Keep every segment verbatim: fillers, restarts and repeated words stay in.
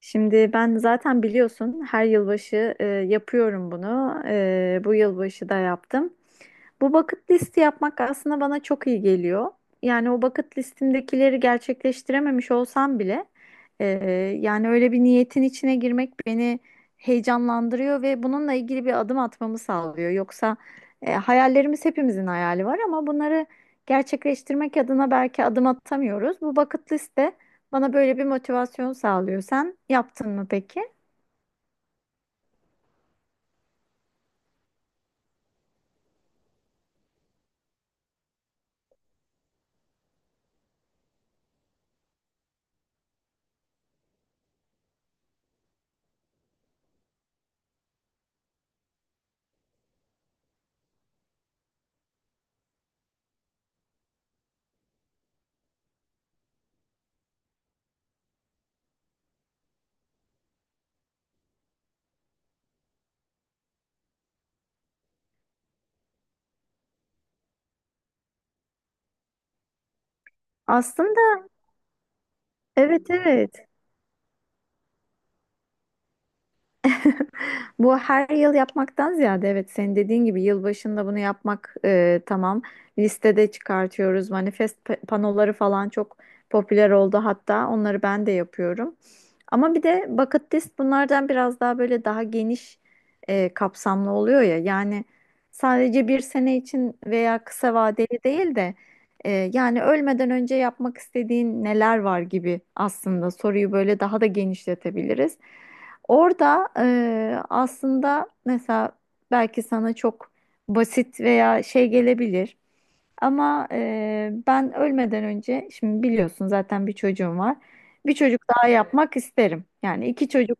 Şimdi ben zaten biliyorsun her yılbaşı e, yapıyorum bunu. E, bu yılbaşı da yaptım. Bu bucket listi yapmak aslında bana çok iyi geliyor. Yani o bucket listimdekileri gerçekleştirememiş olsam bile, e, yani öyle bir niyetin içine girmek beni heyecanlandırıyor ve bununla ilgili bir adım atmamı sağlıyor. Yoksa e, hayallerimiz, hepimizin hayali var ama bunları gerçekleştirmek adına belki adım atamıyoruz. Bu bucket liste bana böyle bir motivasyon sağlıyor. Sen yaptın mı peki? Aslında, evet, evet. Bu her yıl yapmaktan ziyade, evet, senin dediğin gibi yılbaşında bunu yapmak e, tamam. Listede çıkartıyoruz. Manifest pa- panoları falan çok popüler oldu hatta. Onları ben de yapıyorum. Ama bir de bucket list bunlardan biraz daha böyle daha geniş e, kapsamlı oluyor ya. Yani sadece bir sene için veya kısa vadeli değil de e, yani ölmeden önce yapmak istediğin neler var gibi, aslında soruyu böyle daha da genişletebiliriz. Orada e, aslında mesela belki sana çok basit veya şey gelebilir. Ama e, ben ölmeden önce, şimdi biliyorsun zaten bir çocuğum var. Bir çocuk daha, Evet. yapmak isterim. Yani iki çocuk,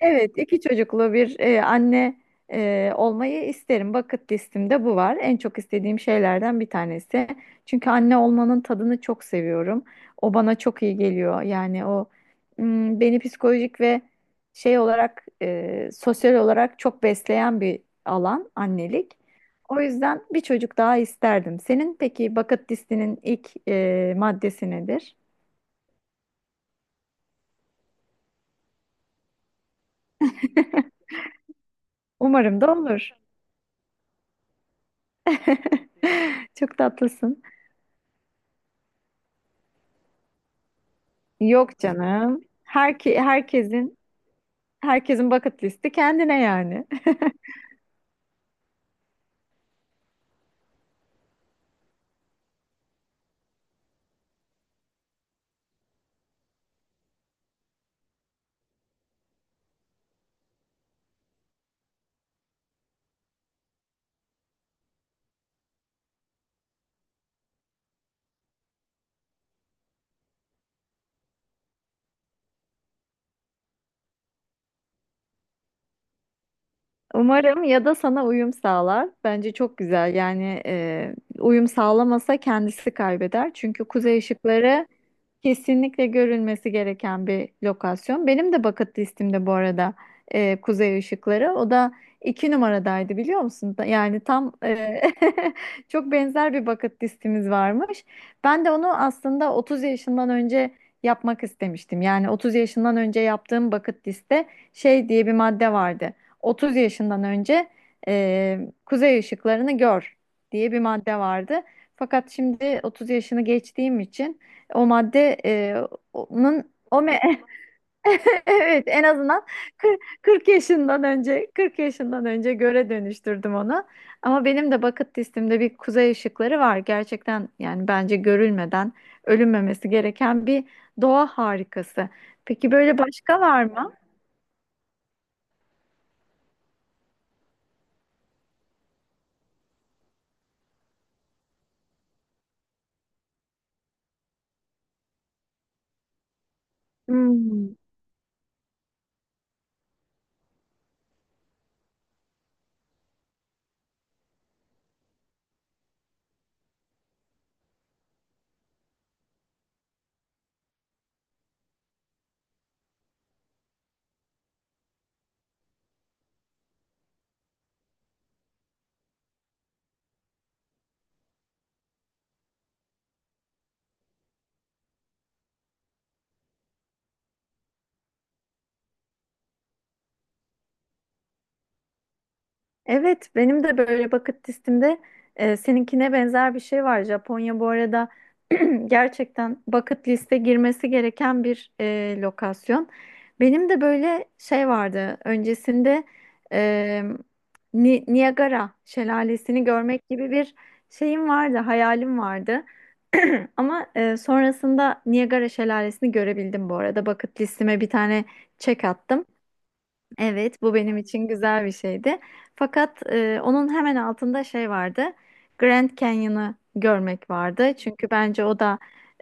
Evet, iki çocuklu bir e, anne e, olmayı isterim. Bucket listimde bu var. En çok istediğim şeylerden bir tanesi. Çünkü anne olmanın tadını çok seviyorum. O bana çok iyi geliyor. Yani o m, beni psikolojik ve şey olarak, e, sosyal olarak çok besleyen bir alan annelik. O yüzden bir çocuk daha isterdim. Senin peki bucket listinin ilk e, maddesi nedir? Umarım da olur. Çok tatlısın. Yok canım. Herke herkesin herkesin bucket listi kendine yani. Umarım ya da sana uyum sağlar. Bence çok güzel. Yani e, uyum sağlamasa kendisi kaybeder. Çünkü kuzey ışıkları kesinlikle görülmesi gereken bir lokasyon. Benim de bucket listimde bu arada e, kuzey ışıkları. O da iki numaradaydı biliyor musun? Da- Yani tam, e, çok benzer bir bucket listimiz varmış. Ben de onu aslında otuz yaşından önce yapmak istemiştim. Yani otuz yaşından önce yaptığım bucket liste şey diye bir madde vardı. otuz yaşından önce e, kuzey ışıklarını gör diye bir madde vardı. Fakat şimdi otuz yaşını geçtiğim için o madde, e, onun o me- evet, en azından kırk yaşından önce, kırk yaşından önce göre dönüştürdüm onu. Ama benim de bucket listemde bir kuzey ışıkları var. Gerçekten yani bence görülmeden ölünmemesi gereken bir doğa harikası. Peki böyle başka var mı? Hmm. Evet, benim de böyle bucket listemde e, seninkine benzer bir şey var. Japonya bu arada gerçekten bucket liste girmesi gereken bir e, lokasyon. Benim de böyle şey vardı. Öncesinde e, Ni- Niagara şelalesini görmek gibi bir şeyim vardı, hayalim vardı. Ama e, sonrasında Niagara şelalesini görebildim bu arada. Bucket listeme bir tane çek attım. Evet, bu benim için güzel bir şeydi. Fakat e, onun hemen altında şey vardı. Grand Canyon'ı görmek vardı. Çünkü bence o da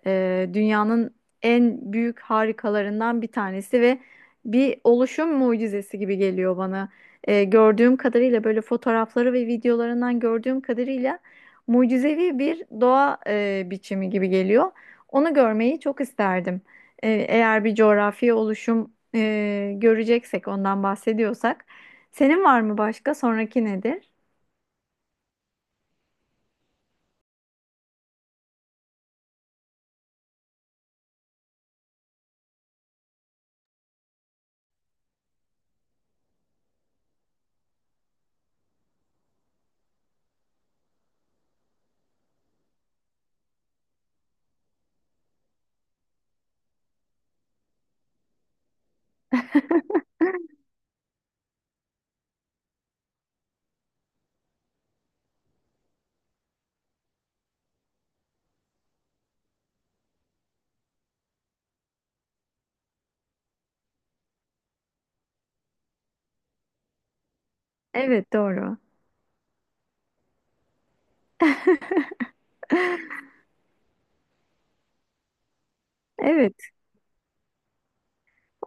e, dünyanın en büyük harikalarından bir tanesi ve bir oluşum mucizesi gibi geliyor bana. E, gördüğüm kadarıyla böyle fotoğrafları ve videolarından gördüğüm kadarıyla mucizevi bir doğa e, biçimi gibi geliyor. Onu görmeyi çok isterdim. E, eğer bir coğrafi oluşum e, göreceksek ondan bahsediyorsak. Senin var mı başka? Sonraki nedir? Evet, doğru. Evet.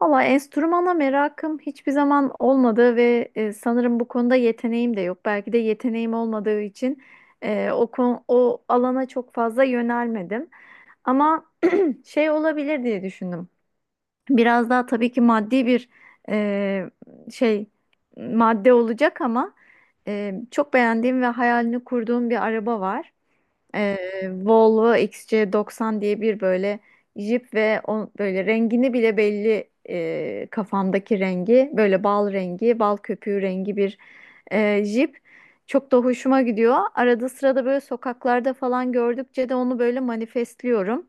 Valla enstrümana merakım hiçbir zaman olmadı ve e, sanırım bu konuda yeteneğim de yok. Belki de yeteneğim olmadığı için e, o, kon- o alana çok fazla yönelmedim. Ama şey olabilir diye düşündüm. Biraz daha tabii ki maddi bir e, şey madde olacak ama e, çok beğendiğim ve hayalini kurduğum bir araba var. E, Volvo X C doksan diye bir böyle jip ve o, böyle rengini bile belli, e, kafamdaki rengi böyle bal rengi, bal köpüğü rengi bir e, jip. Çok da hoşuma gidiyor. Arada sırada böyle sokaklarda falan gördükçe de onu böyle manifestliyorum.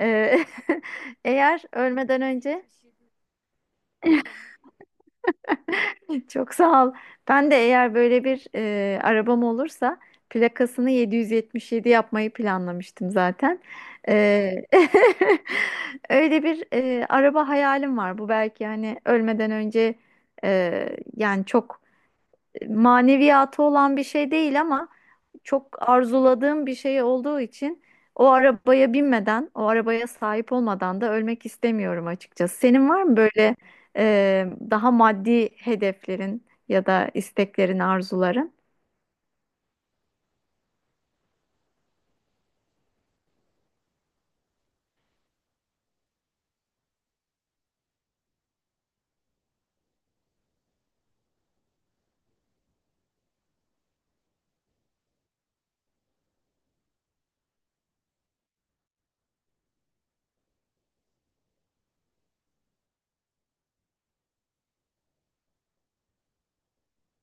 E, eğer ölmeden önce... Çok sağ ol. Ben de eğer böyle bir e, arabam olursa plakasını yedi yüz yetmiş yedi yapmayı planlamıştım zaten. E, öyle bir e, araba hayalim var. Bu belki hani ölmeden önce, e, yani çok maneviyatı olan bir şey değil ama çok arzuladığım bir şey olduğu için o arabaya binmeden, o arabaya sahip olmadan da ölmek istemiyorum açıkçası. Senin var mı böyle e, daha maddi hedeflerin ya da isteklerin, arzuların?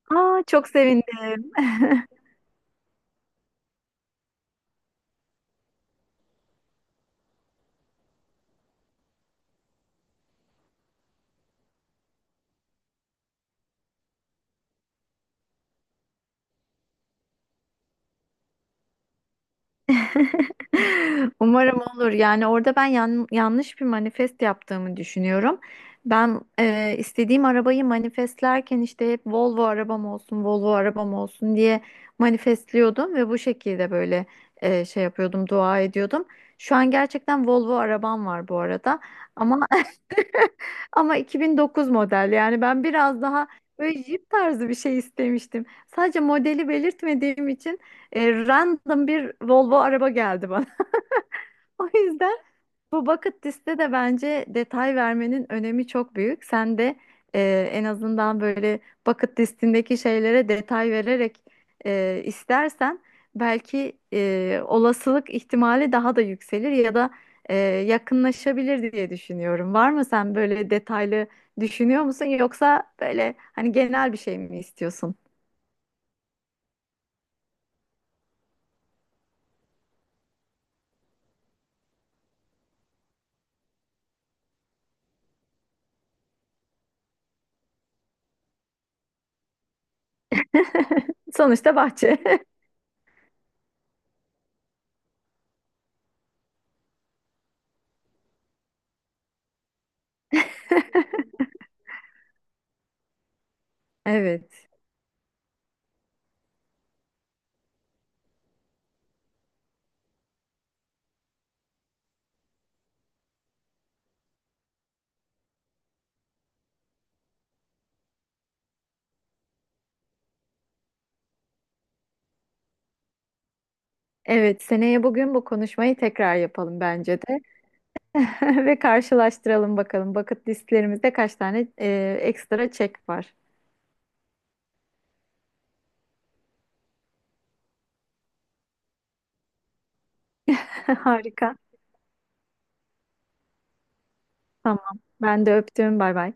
Aa, çok sevindim. Umarım olur. Yani orada ben yan- yanlış bir manifest yaptığımı düşünüyorum. Ben e, istediğim arabayı manifestlerken işte hep Volvo arabam olsun, Volvo arabam olsun diye manifestliyordum ve bu şekilde böyle e, şey yapıyordum, dua ediyordum. Şu an gerçekten Volvo arabam var bu arada. Ama Ama iki bin dokuz model, yani ben biraz daha böyle jip tarzı bir şey istemiştim. Sadece modeli belirtmediğim için e, random bir Volvo araba geldi bana. O yüzden bu bucket liste de bence detay vermenin önemi çok büyük. Sen de e, en azından böyle bucket listindeki şeylere detay vererek, e, istersen belki e, olasılık ihtimali daha da yükselir ya da e, yakınlaşabilir diye düşünüyorum. Var mı, sen böyle detaylı düşünüyor musun, yoksa böyle hani genel bir şey mi istiyorsun? Sonuçta bahçe. Evet. Evet, seneye bugün bu konuşmayı tekrar yapalım bence de. Ve karşılaştıralım bakalım. Bucket listlerimizde kaç tane e, ekstra çek var. Harika. Tamam. Ben de öptüm. Bay bay.